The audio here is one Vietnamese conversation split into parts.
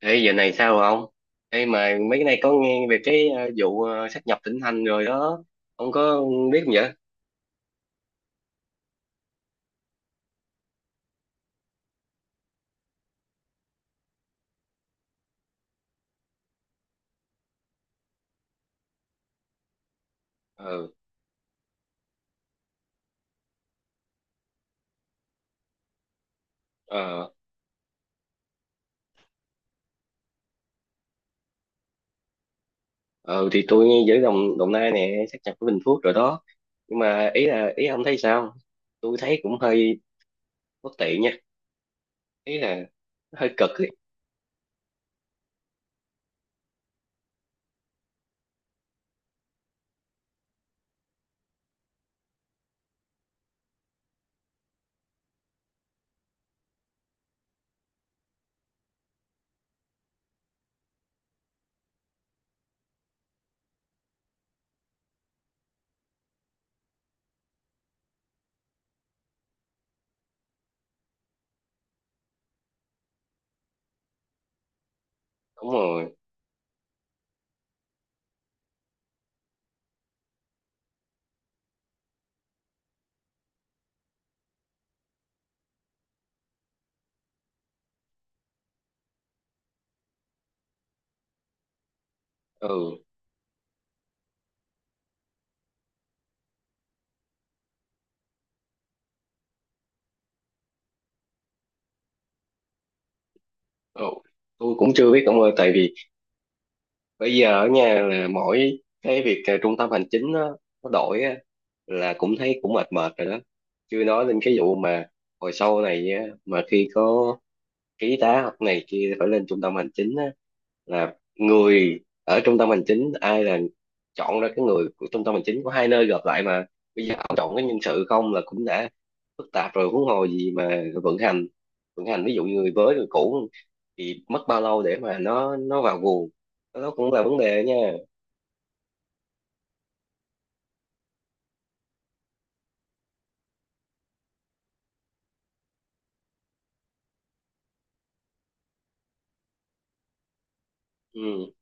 Ê, giờ này sao rồi ông? Ê, mà mấy cái này có nghe về cái vụ sát nhập tỉnh thành rồi đó. Ông có biết không vậy? Ừ, ờ, ờ, thì tôi nghe giữa Đồng Nai nè, sát nhập với Bình Phước rồi đó. Nhưng mà ý ông thấy sao? Tôi thấy cũng hơi bất tiện nha. Ý là hơi cực ấy. Đúng rồi. Ừ, ừ. Tôi cũng chưa biết ông ơi, tại vì bây giờ ở nhà là mỗi cái việc trung tâm hành chính nó đổi á, là cũng thấy cũng mệt mệt rồi đó, chưa nói đến cái vụ mà hồi sau này á, mà khi có ký tá học này kia phải lên trung tâm hành chính á, là người ở trung tâm hành chính ai là chọn ra cái người của trung tâm hành chính của hai nơi gộp lại mà bây giờ ông chọn cái nhân sự không là cũng đã phức tạp rồi, huống hồ gì mà vận hành ví dụ như người mới người cũ thì mất bao lâu để mà nó vào guồng, đó đó cũng là vấn đề nha. Ừ,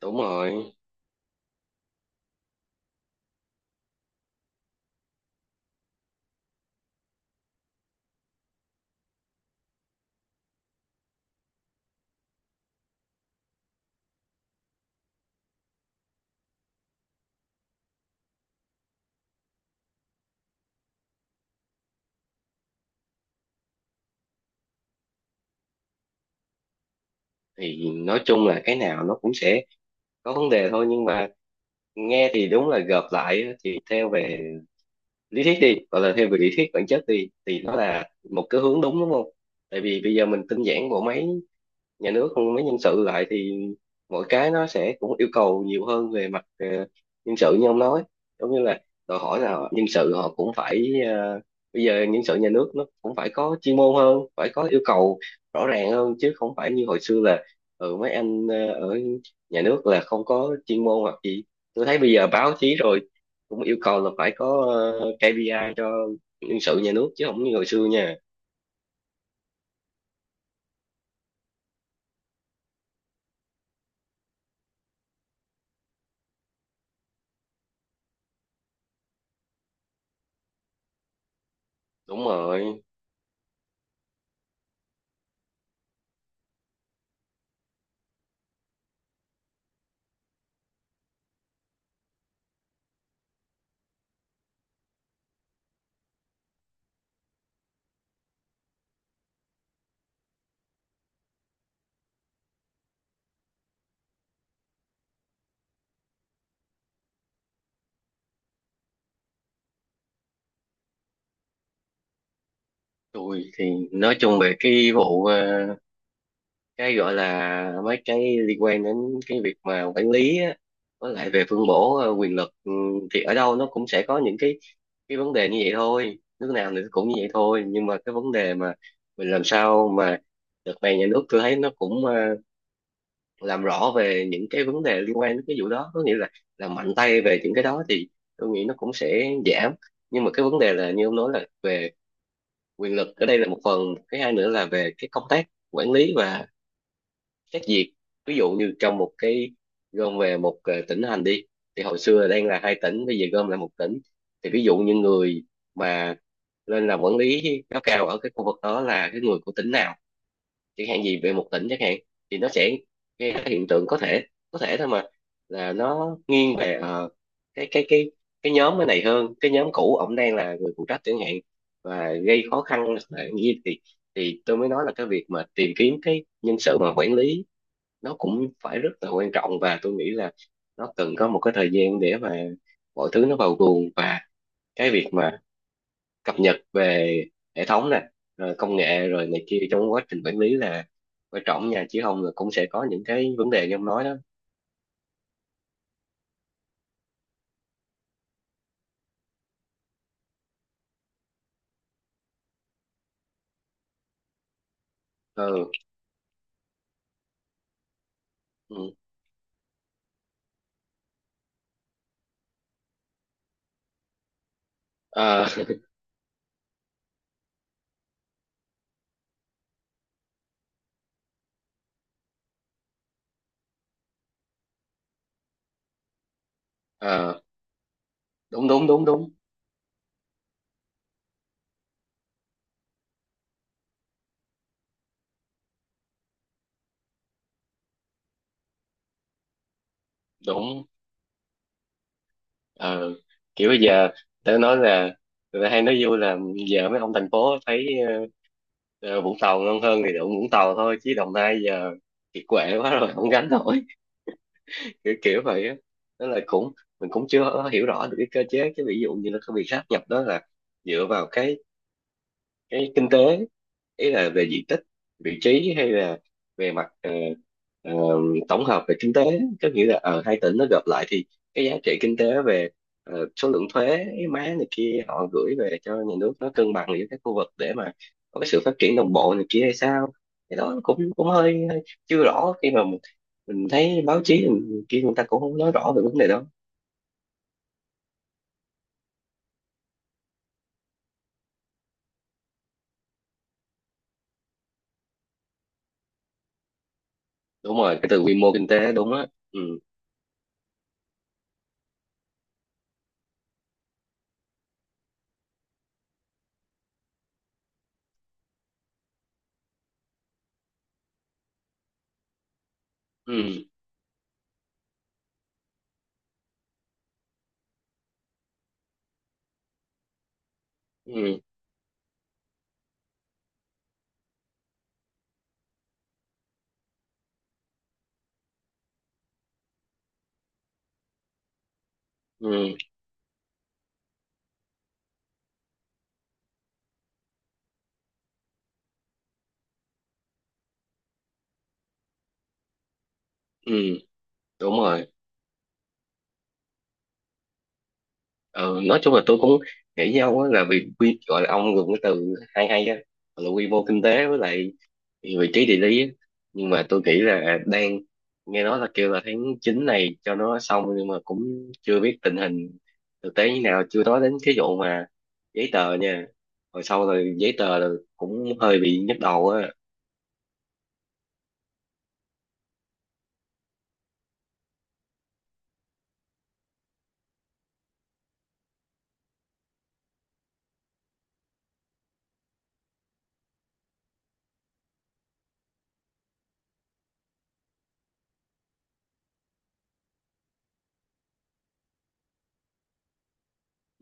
đúng rồi. Thì nói chung là cái nào nó cũng sẽ có vấn đề thôi, nhưng mà nghe thì đúng là gộp lại á, thì theo về lý thuyết đi, gọi là thêm về lý thuyết bản chất đi, thì nó là một cái hướng đúng, đúng không? Tại vì bây giờ mình tinh giản bộ máy nhà nước không, mới nhân sự lại thì mỗi cái nó sẽ cũng yêu cầu nhiều hơn về mặt nhân sự như ông nói, giống như là đòi hỏi là nhân sự họ cũng phải bây giờ nhân sự nhà nước nó cũng phải có chuyên môn hơn, phải có yêu cầu rõ ràng hơn chứ không phải như hồi xưa là, ừ, mấy anh ở nhà nước là không có chuyên môn hoặc gì. Tôi thấy bây giờ báo chí rồi cũng yêu cầu là phải có KPI cho nhân sự nhà nước chứ không như hồi xưa nha. Đúng rồi. Tôi thì nói chung về cái vụ cái gọi là mấy cái liên quan đến cái việc mà quản lý á, với lại về phân bổ quyền lực, ừ, thì ở đâu nó cũng sẽ có những cái vấn đề như vậy thôi, nước nào thì cũng như vậy thôi, nhưng mà cái vấn đề mà mình làm sao mà đợt này nhà nước tôi thấy nó cũng làm rõ về những cái vấn đề liên quan đến cái vụ đó, có nghĩa là làm mạnh tay về những cái đó thì tôi nghĩ nó cũng sẽ giảm. Nhưng mà cái vấn đề là như ông nói là về quyền lực, ở đây là một phần, cái hai nữa là về cái công tác quản lý và xét duyệt. Ví dụ như trong một cái gom về một tỉnh thành đi, thì hồi xưa đang là hai tỉnh bây giờ gom lại một tỉnh, thì ví dụ như người mà lên làm quản lý cấp cao ở cái khu vực đó là cái người của tỉnh nào chẳng hạn, gì về một tỉnh chẳng hạn, thì nó sẽ gây ra hiện tượng có thể, có thể thôi mà, là nó nghiêng về cái cái cái cái nhóm cái này hơn cái nhóm cũ ổng đang là người phụ trách chẳng hạn, và gây khó khăn là như thì tôi mới nói là cái việc mà tìm kiếm cái nhân sự mà quản lý nó cũng phải rất là quan trọng, và tôi nghĩ là nó cần có một cái thời gian để mà mọi thứ nó vào guồng, và cái việc mà cập nhật về hệ thống nè, rồi công nghệ rồi này kia trong quá trình quản lý là quan trọng nha, chứ không là cũng sẽ có những cái vấn đề như ông nói đó. Ừ, ừ. Ờ, ờ, đúng đúng đúng đúng đúng. Ờ, kiểu bây giờ tớ nói là người ta hay nói vui là giờ mấy ông thành phố thấy ờ, Vũng Tàu ngon hơn thì đụng Vũng Tàu thôi, chứ Đồng Nai giờ kiệt quệ quá rồi không gánh nổi, kiểu vậy á. Tức là cũng mình cũng chưa hiểu rõ được cái cơ chế, cái ví dụ như là cái việc sáp nhập đó là dựa vào cái kinh tế, ý là về diện tích, vị trí hay là về mặt ờ, tổng hợp về kinh tế, có nghĩa là ở hai tỉnh nó gộp lại thì cái giá trị kinh tế về số lượng thuế má này kia họ gửi về cho nhà nước nó cân bằng giữa các khu vực để mà có cái sự phát triển đồng bộ này kia hay sao. Cái đó cũng cũng hơi chưa rõ khi mà mình thấy báo chí kia người ta cũng không nói rõ về vấn đề đó. Đúng rồi, cái từ quy mô kinh tế đúng á. Ừ ừ ừ ừ ừ. Đúng rồi. Ừ, nói chung là tôi cũng nghĩ với ông á, là vì quy gọi là ông dùng cái từ hay hay á, là quy mô kinh tế với lại vị trí địa lý á. Nhưng mà tôi nghĩ là đang nghe nói là kêu là tháng 9 này cho nó xong, nhưng mà cũng chưa biết tình hình thực tế như nào, chưa nói đến cái vụ mà giấy tờ nha, hồi sau là giấy tờ là cũng hơi bị nhức đầu á.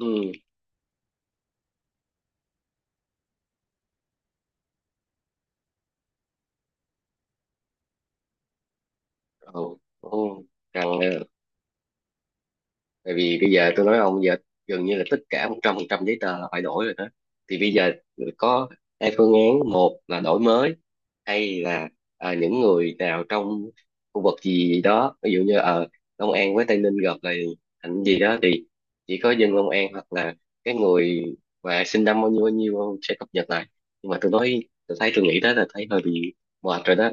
Ừ, ừ, ừ. Cần, tại vì bây giờ tôi nói ông giờ gần như là tất cả 100% giấy tờ là phải đổi rồi đó, thì bây giờ có hai phương án, một là đổi mới hay là, à, những người nào trong khu vực gì đó ví dụ như ở Long An với Tây Ninh gặp lại thành gì đó thì chỉ có dân Long An hoặc là cái người mà sinh năm bao nhiêu sẽ cập nhật lại, nhưng mà tôi nói tôi thấy tôi nghĩ đó là thấy hơi bị mệt rồi đó.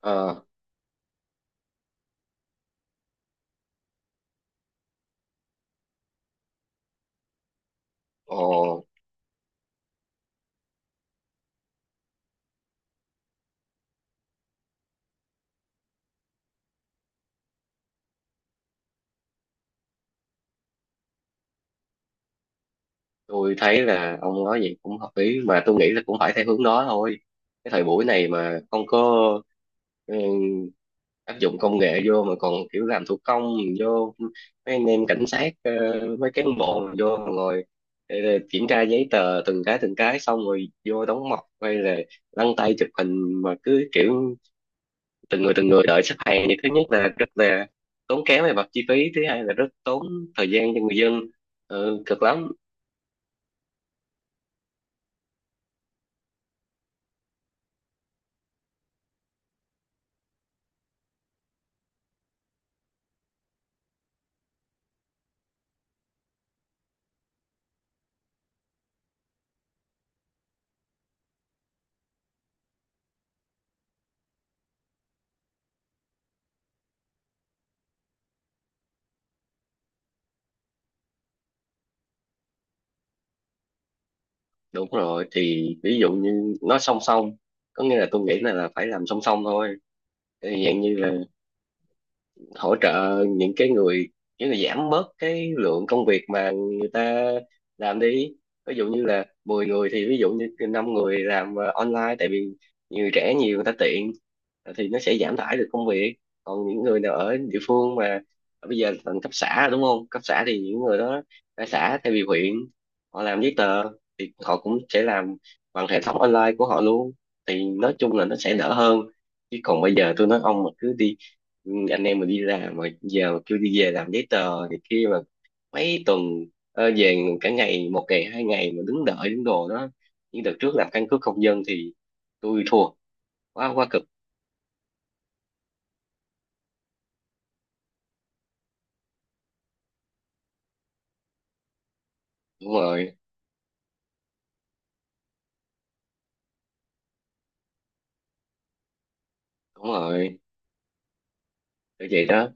ờ Ồ, tôi thấy là ông nói vậy cũng hợp lý, mà tôi nghĩ là cũng phải theo hướng đó thôi, cái thời buổi này mà không có, ừ, áp dụng công nghệ vô mà còn kiểu làm thủ công vô, mấy anh em cảnh sát mấy cán bộ mà vô mà ngồi ờ, kiểm tra giấy tờ từng cái xong rồi vô đóng mộc hay là lăn tay chụp hình mà cứ kiểu từng người đợi xếp hàng, thì thứ nhất là rất là tốn kém về mặt chi phí, thứ hai là rất tốn thời gian cho người dân. Ừ, cực lắm. Đúng rồi, thì ví dụ như nó song song, có nghĩa là tôi nghĩ là, phải làm song song thôi. Thì dạng như là hỗ trợ những cái người, những người giảm bớt cái lượng công việc mà người ta làm đi, ví dụ như là 10 người thì ví dụ như 5 người làm online, tại vì người trẻ nhiều người ta tiện, thì nó sẽ giảm tải được công việc, còn những người nào ở địa phương mà bây giờ thành cấp xã rồi đúng không, cấp xã thì những người đó ra xã thay vì huyện họ làm giấy tờ thì họ cũng sẽ làm bằng hệ thống online của họ luôn, thì nói chung là nó sẽ đỡ hơn, chứ còn bây giờ tôi nói ông mà cứ đi. Ừ, anh em mà đi làm mà giờ mà kêu đi về làm giấy tờ thì khi mà mấy tuần, về cả ngày, 1 ngày 2 ngày mà đứng đợi đứng đồ đó, như đợt trước làm căn cước công dân thì tôi thua, quá quá cực. Đúng rồi, đúng rồi, kiểu vậy đó.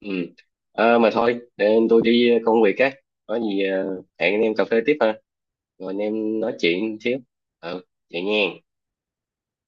Ừ. Ờ, mà thôi để tôi đi công việc á, có gì hẹn anh em cà phê tiếp ha, rồi anh em nói chuyện xíu. Ừ, vậy nha.